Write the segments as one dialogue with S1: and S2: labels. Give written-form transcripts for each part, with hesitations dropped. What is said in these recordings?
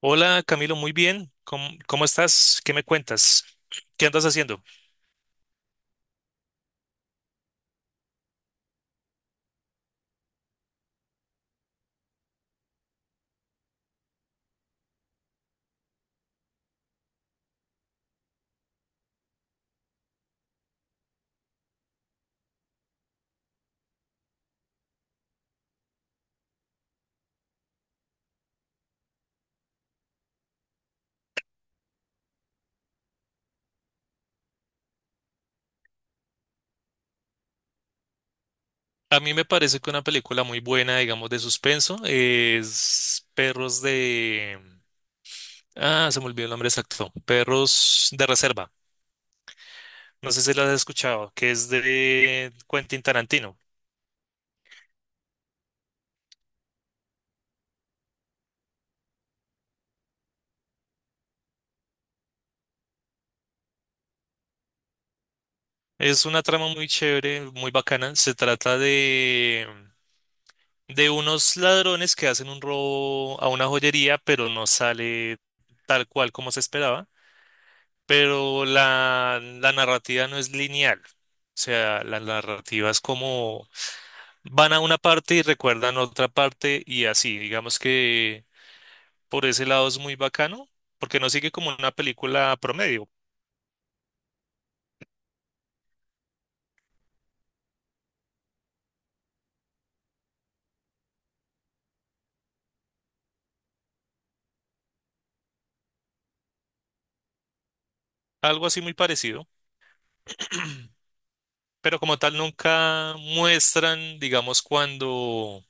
S1: Hola Camilo, muy bien. ¿Cómo estás? ¿Qué me cuentas? ¿Qué andas haciendo? A mí me parece que una película muy buena, digamos, de suspenso es Perros de... Ah, se me olvidó el nombre exacto. Perros de Reserva. No sé si la has escuchado, que es de Quentin Tarantino. Es una trama muy chévere, muy bacana. Se trata de unos ladrones que hacen un robo a una joyería, pero no sale tal cual como se esperaba. Pero la narrativa no es lineal. O sea, la narrativa es como van a una parte y recuerdan otra parte y así. Digamos que por ese lado es muy bacano, porque no sigue como una película promedio, algo así muy parecido, pero como tal nunca muestran, digamos, cuando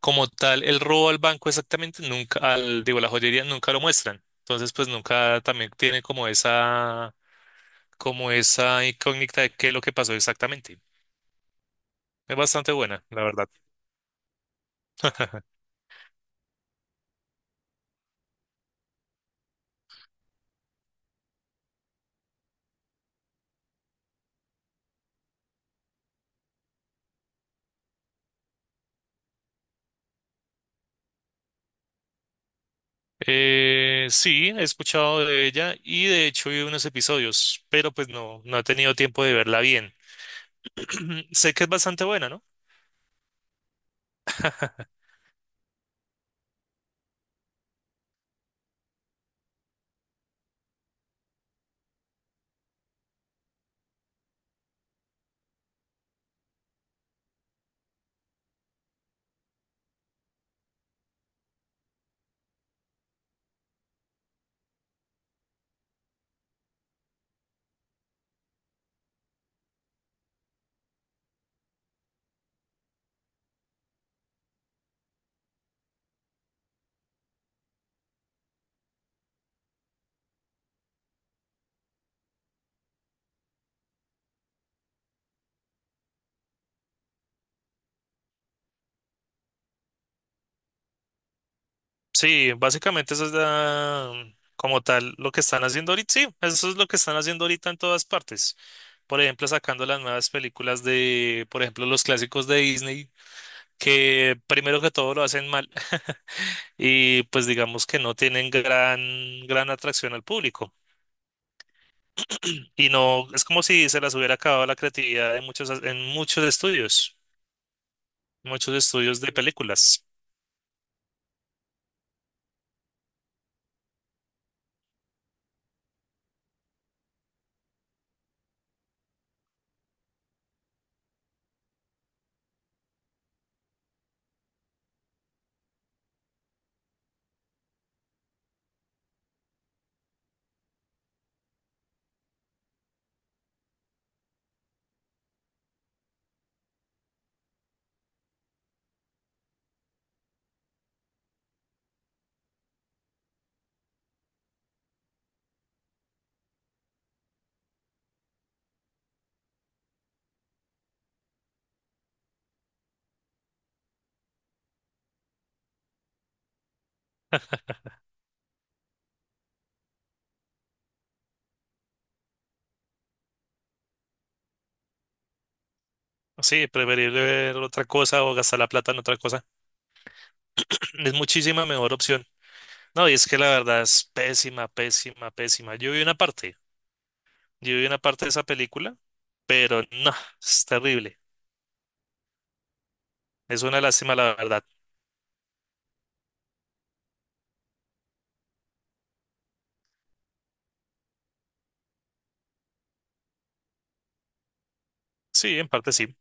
S1: como tal el robo al banco exactamente, nunca, al, digo, la joyería nunca lo muestran. Entonces, pues nunca también tiene como esa incógnita de qué es lo que pasó exactamente. Es bastante buena, la verdad. Sí, he escuchado de ella y de hecho vi unos episodios, pero pues no he tenido tiempo de verla bien. Sé que es bastante buena, ¿no? Sí, básicamente eso es como tal lo que están haciendo ahorita. Sí, eso es lo que están haciendo ahorita en todas partes. Por ejemplo, sacando las nuevas películas de, por ejemplo, los clásicos de Disney, que primero que todo lo hacen mal y pues digamos que no tienen gran atracción al público. Y no, es como si se las hubiera acabado la creatividad en muchos estudios, muchos estudios de películas. Sí, preferible ver otra cosa o gastar la plata en otra cosa. Es muchísima mejor opción. No, y es que la verdad es pésima, pésima, pésima. Yo vi una parte de esa película, pero no, es terrible. Es una lástima, la verdad. Sí, en parte sí.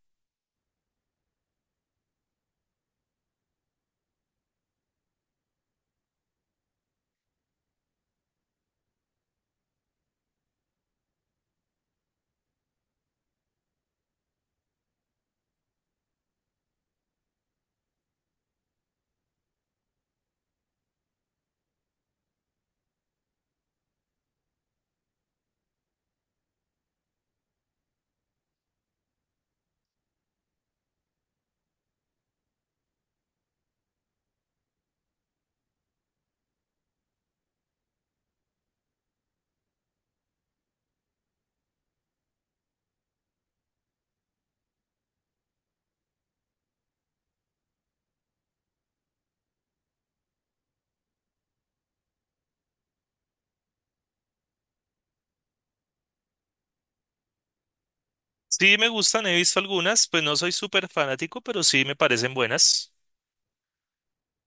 S1: Sí, me gustan, he visto algunas, pues no soy súper fanático, pero sí me parecen buenas.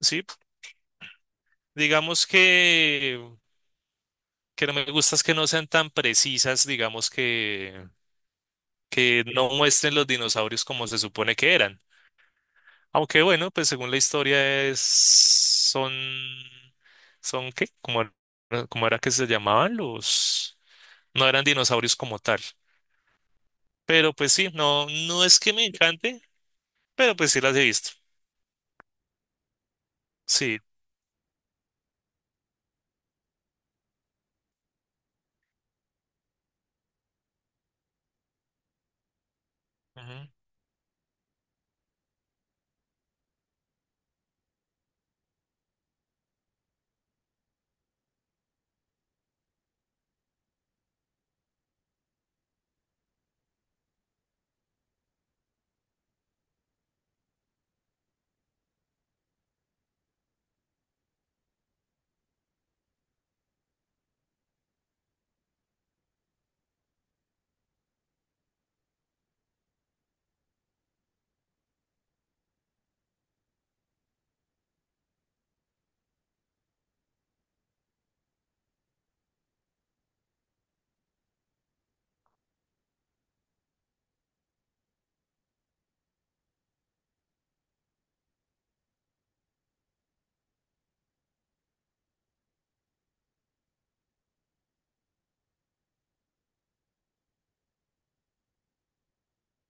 S1: Sí, digamos que. Que no me gusta es que no sean tan precisas, digamos que no muestren los dinosaurios como se supone que eran. Aunque bueno, pues según la historia es, son, son qué, como, era cómo era que se llamaban los, no eran dinosaurios como tal. Pero pues sí, no, no es que me encante, pero pues sí las he visto. Sí.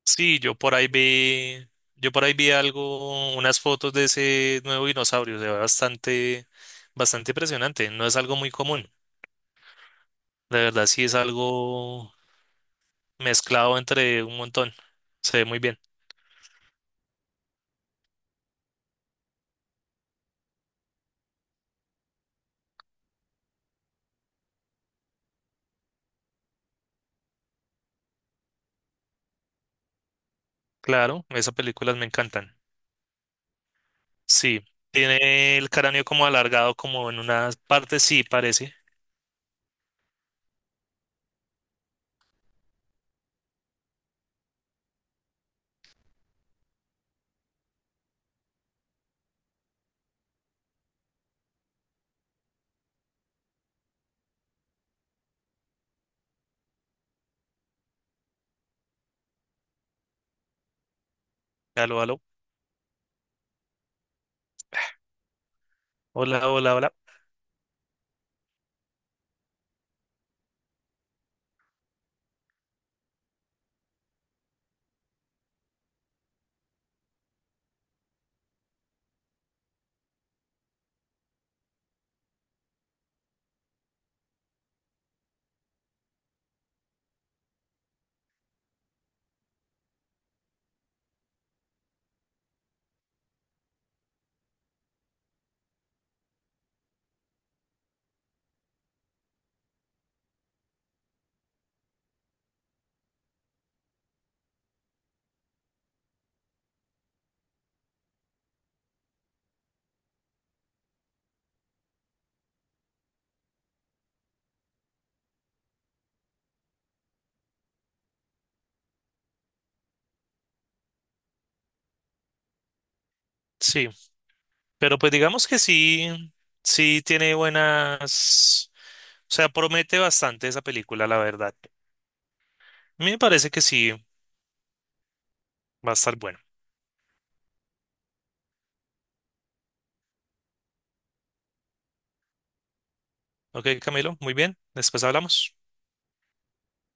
S1: Sí, yo por ahí vi algo, unas fotos de ese nuevo dinosaurio, se ve bastante, bastante impresionante, no es algo muy común, de verdad sí es algo mezclado entre un montón, se ve muy bien, claro, esas películas me encantan, sí, tiene el cráneo como alargado como en una parte, sí parece, aló, aló, hola, hola, hola, sí, pero pues digamos que sí, sí tiene buenas, o sea, promete bastante esa película, la verdad. A mí me parece que sí va a estar bueno. Ok, Camilo, muy bien. Después hablamos.